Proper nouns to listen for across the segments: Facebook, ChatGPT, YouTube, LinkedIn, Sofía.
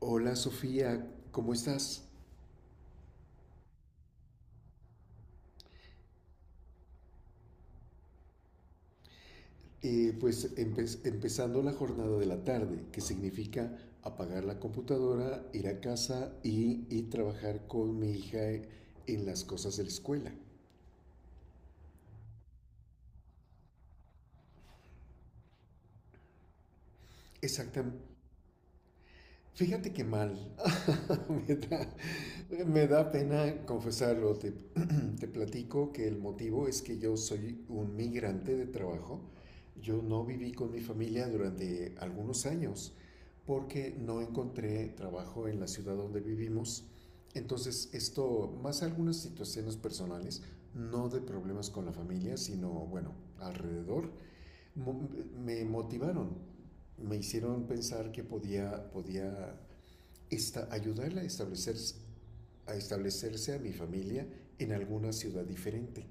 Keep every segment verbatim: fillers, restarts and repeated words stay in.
Hola Sofía, ¿cómo estás? Eh, pues empe- empezando la jornada de la tarde, que significa apagar la computadora, ir a casa y, y trabajar con mi hija en las cosas de la escuela. Exacta- Fíjate que mal. Me da, me da pena confesarlo. Te, te platico que el motivo es que yo soy un migrante de trabajo. Yo no viví con mi familia durante algunos años porque no encontré trabajo en la ciudad donde vivimos. Entonces, esto, más algunas situaciones personales, no de problemas con la familia, sino, bueno, alrededor, mo- me motivaron, me hicieron pensar que podía, podía esta, ayudarla a establecerse, a establecerse a mi familia en alguna ciudad diferente.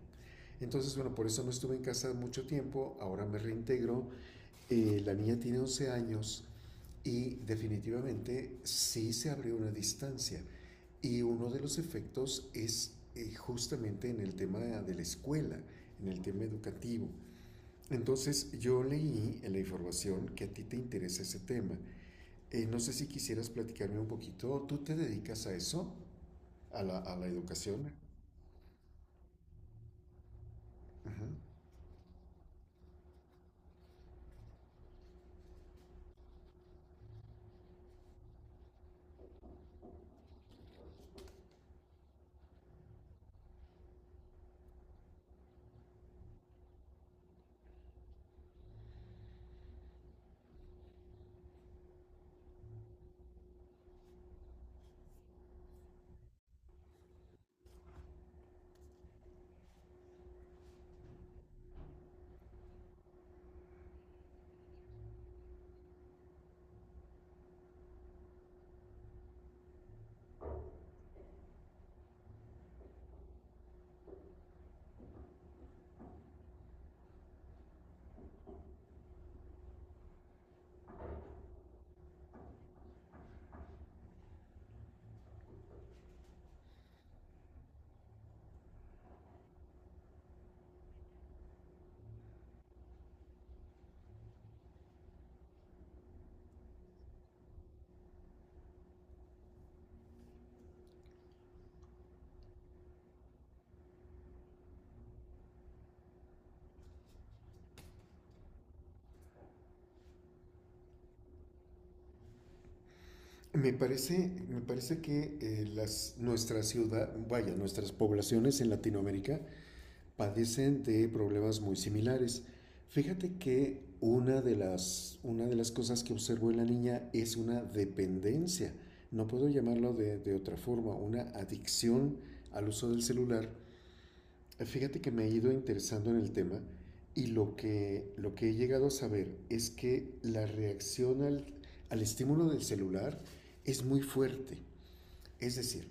Entonces, bueno, por eso no estuve en casa mucho tiempo, ahora me reintegro. Eh, la niña tiene once años y definitivamente sí se abrió una distancia. Y uno de los efectos es eh, justamente en el tema de la escuela, en el tema educativo. Entonces yo leí en la información que a ti te interesa ese tema. Eh, no sé si quisieras platicarme un poquito, ¿tú te dedicas a eso? a la, a la educación. Ajá. Me parece, me parece que eh, las, nuestra ciudad, vaya, nuestras poblaciones en Latinoamérica padecen de problemas muy similares. Fíjate que una de las, una de las cosas que observo en la niña es una dependencia, no puedo llamarlo de, de otra forma, una adicción al uso del celular. Fíjate que me he ido interesando en el tema y lo que, lo que he llegado a saber es que la reacción al, al estímulo del celular es muy fuerte. Es decir,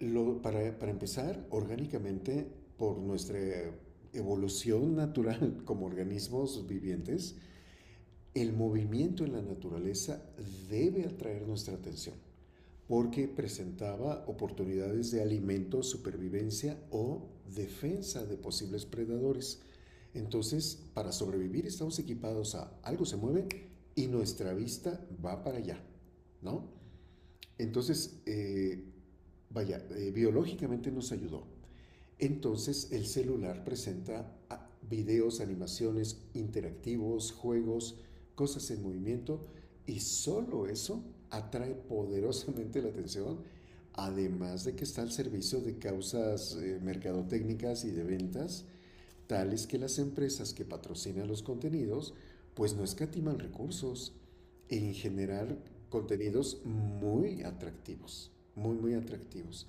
lo- para, para empezar, orgánicamente, por nuestra evolución natural como organismos vivientes, el movimiento en la naturaleza debe atraer nuestra atención porque presentaba oportunidades de alimento, supervivencia o defensa de posibles predadores. Entonces, para sobrevivir estamos equipados a algo se mueve y nuestra vista va para allá, ¿no? Entonces, eh, vaya, eh, biológicamente nos ayudó. Entonces el celular presenta ah, videos, animaciones interactivos, juegos, cosas en movimiento y solo eso atrae poderosamente la atención, además de que está al servicio de causas eh, mercadotécnicas y de ventas, tales que las empresas que patrocinan los contenidos pues no escatiman recursos en generar contenidos muy atractivos, muy, muy atractivos.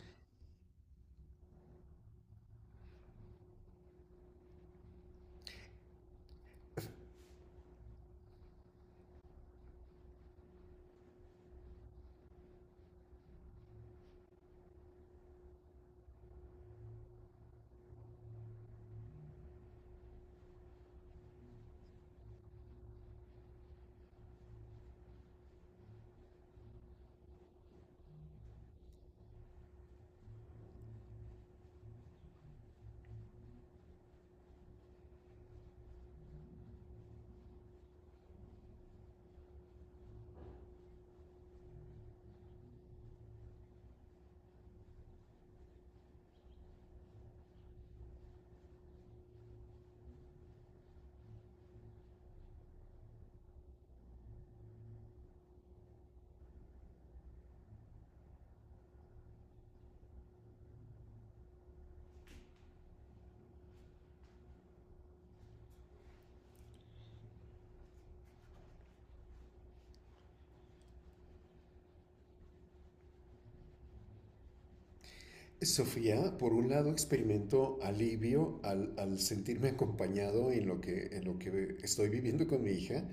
Sofía, por un lado, experimento alivio al, al sentirme acompañado en lo que, en lo que estoy viviendo con mi hija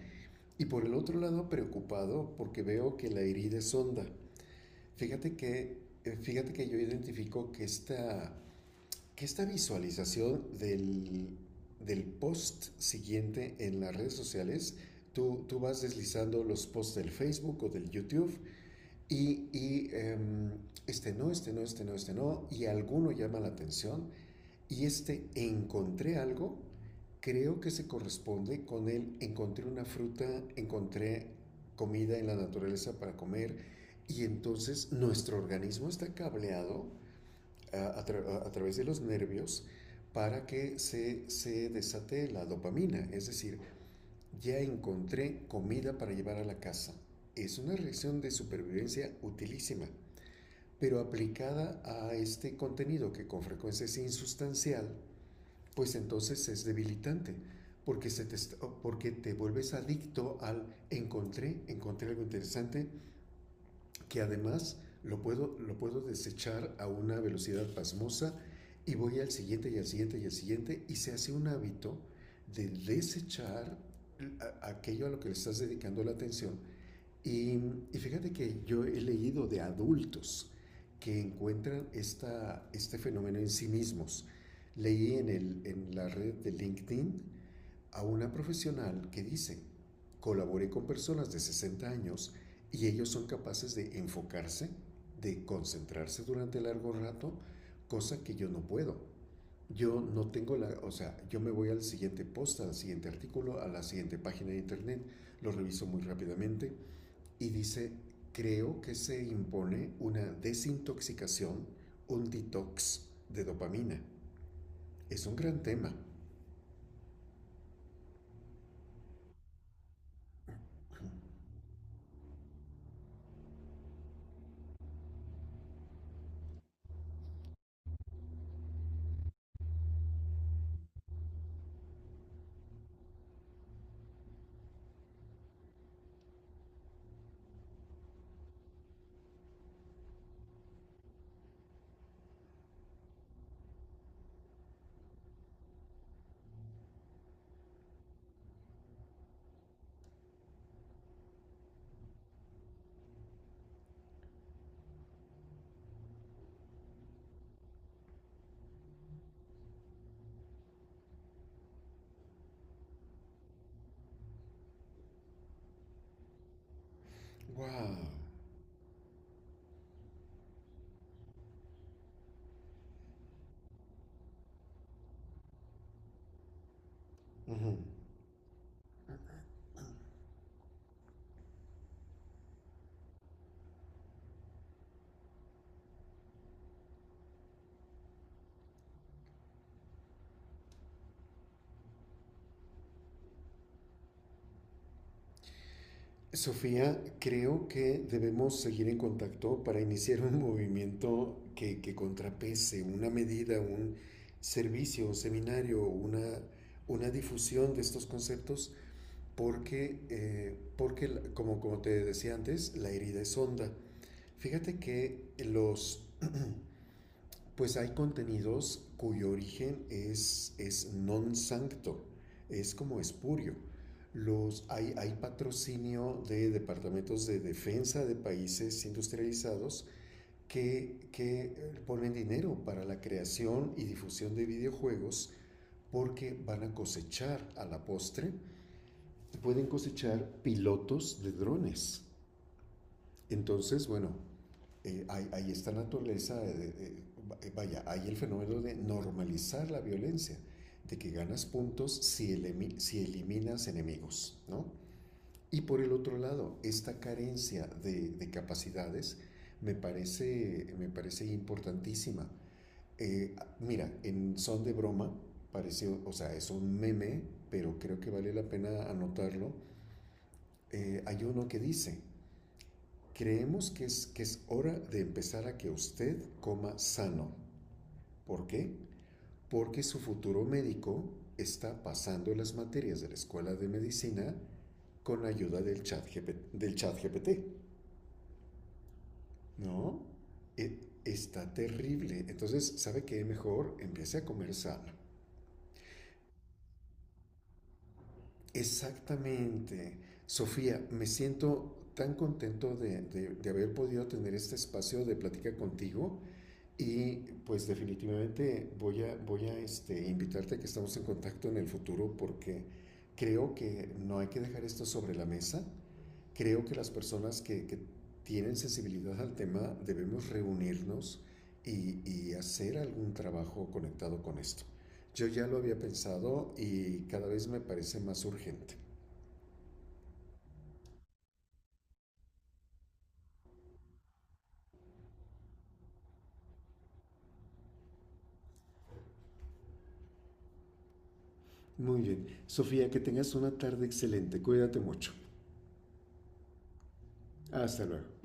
y por el otro lado preocupado porque veo que la herida es honda. Fíjate que, eh, fíjate que yo identifico que esta, que esta visualización del, del post siguiente en las redes sociales, tú, tú vas deslizando los posts del Facebook o del YouTube y, y em, este no, este no, este no, este no, y alguno llama la atención, y este encontré algo, creo que se corresponde con el encontré una fruta, encontré comida en la naturaleza para comer, y entonces nuestro organismo está cableado a, a tra- a través de los nervios para que se, se desate la dopamina, es decir, ya encontré comida para llevar a la casa. Es una reacción de supervivencia utilísima pero aplicada a este contenido que con frecuencia es insustancial, pues entonces es debilitante, porque, se te, porque te vuelves adicto al encontré, encontré algo interesante, que además lo puedo, lo puedo desechar a una velocidad pasmosa y voy al siguiente y al siguiente y al siguiente y se hace un hábito de desechar aquello a lo que le estás dedicando la atención y, y fíjate que yo he leído de adultos que encuentran esta, este fenómeno en sí mismos. Leí en, el, en la red de LinkedIn a una profesional que dice, colaboré con personas de sesenta años y ellos son capaces de enfocarse, de concentrarse durante largo rato, cosa que yo no puedo. Yo no tengo la, o sea, yo me voy al siguiente post, al siguiente artículo, a la siguiente página de internet, lo reviso muy rápidamente, y dice, creo que se impone una desintoxicación, un detox de dopamina. Es un gran tema. ¡Wow! Ujú. Sofía, creo que debemos seguir en contacto para iniciar un movimiento que, que contrapese una medida, un servicio, un seminario, una, una difusión de estos conceptos, porque, eh, porque como, como te decía antes, la herida es honda. Fíjate que los… Pues hay contenidos cuyo origen es, es non sancto, es como espurio. Los, hay, hay patrocinio de departamentos de defensa de países industrializados que, que eh, ponen dinero para la creación y difusión de videojuegos porque van a cosechar a la postre, pueden cosechar pilotos de drones. Entonces, bueno, eh, hay, hay esta naturaleza, de, de, de, vaya, hay el fenómeno de normalizar la violencia, de que ganas puntos si, elimi si eliminas enemigos, ¿no? Y por el otro lado, esta carencia de, de capacidades me parece, me parece importantísima. Eh, mira, en son de broma, pareció, o sea, es un meme, pero creo que vale la pena anotarlo. Eh, hay uno que dice, creemos que es, que es hora de empezar a que usted coma sano. ¿Por qué? Porque su futuro médico está pasando las materias de la escuela de medicina con la ayuda del chat, GP, del chat G P T, ¿no? E, está terrible. Entonces, ¿sabe qué? Mejor empiece a comer sano. Exactamente. Sofía, me siento tan contento de, de, de haber podido tener este espacio de plática contigo. Y pues definitivamente voy a, voy a este, invitarte a que estamos en contacto en el futuro porque creo que no hay que dejar esto sobre la mesa. Creo que las personas que, que tienen sensibilidad al tema debemos reunirnos y, y hacer algún trabajo conectado con esto. Yo ya lo había pensado y cada vez me parece más urgente. Muy bien. Sofía, que tengas una tarde excelente. Cuídate mucho. Hasta luego.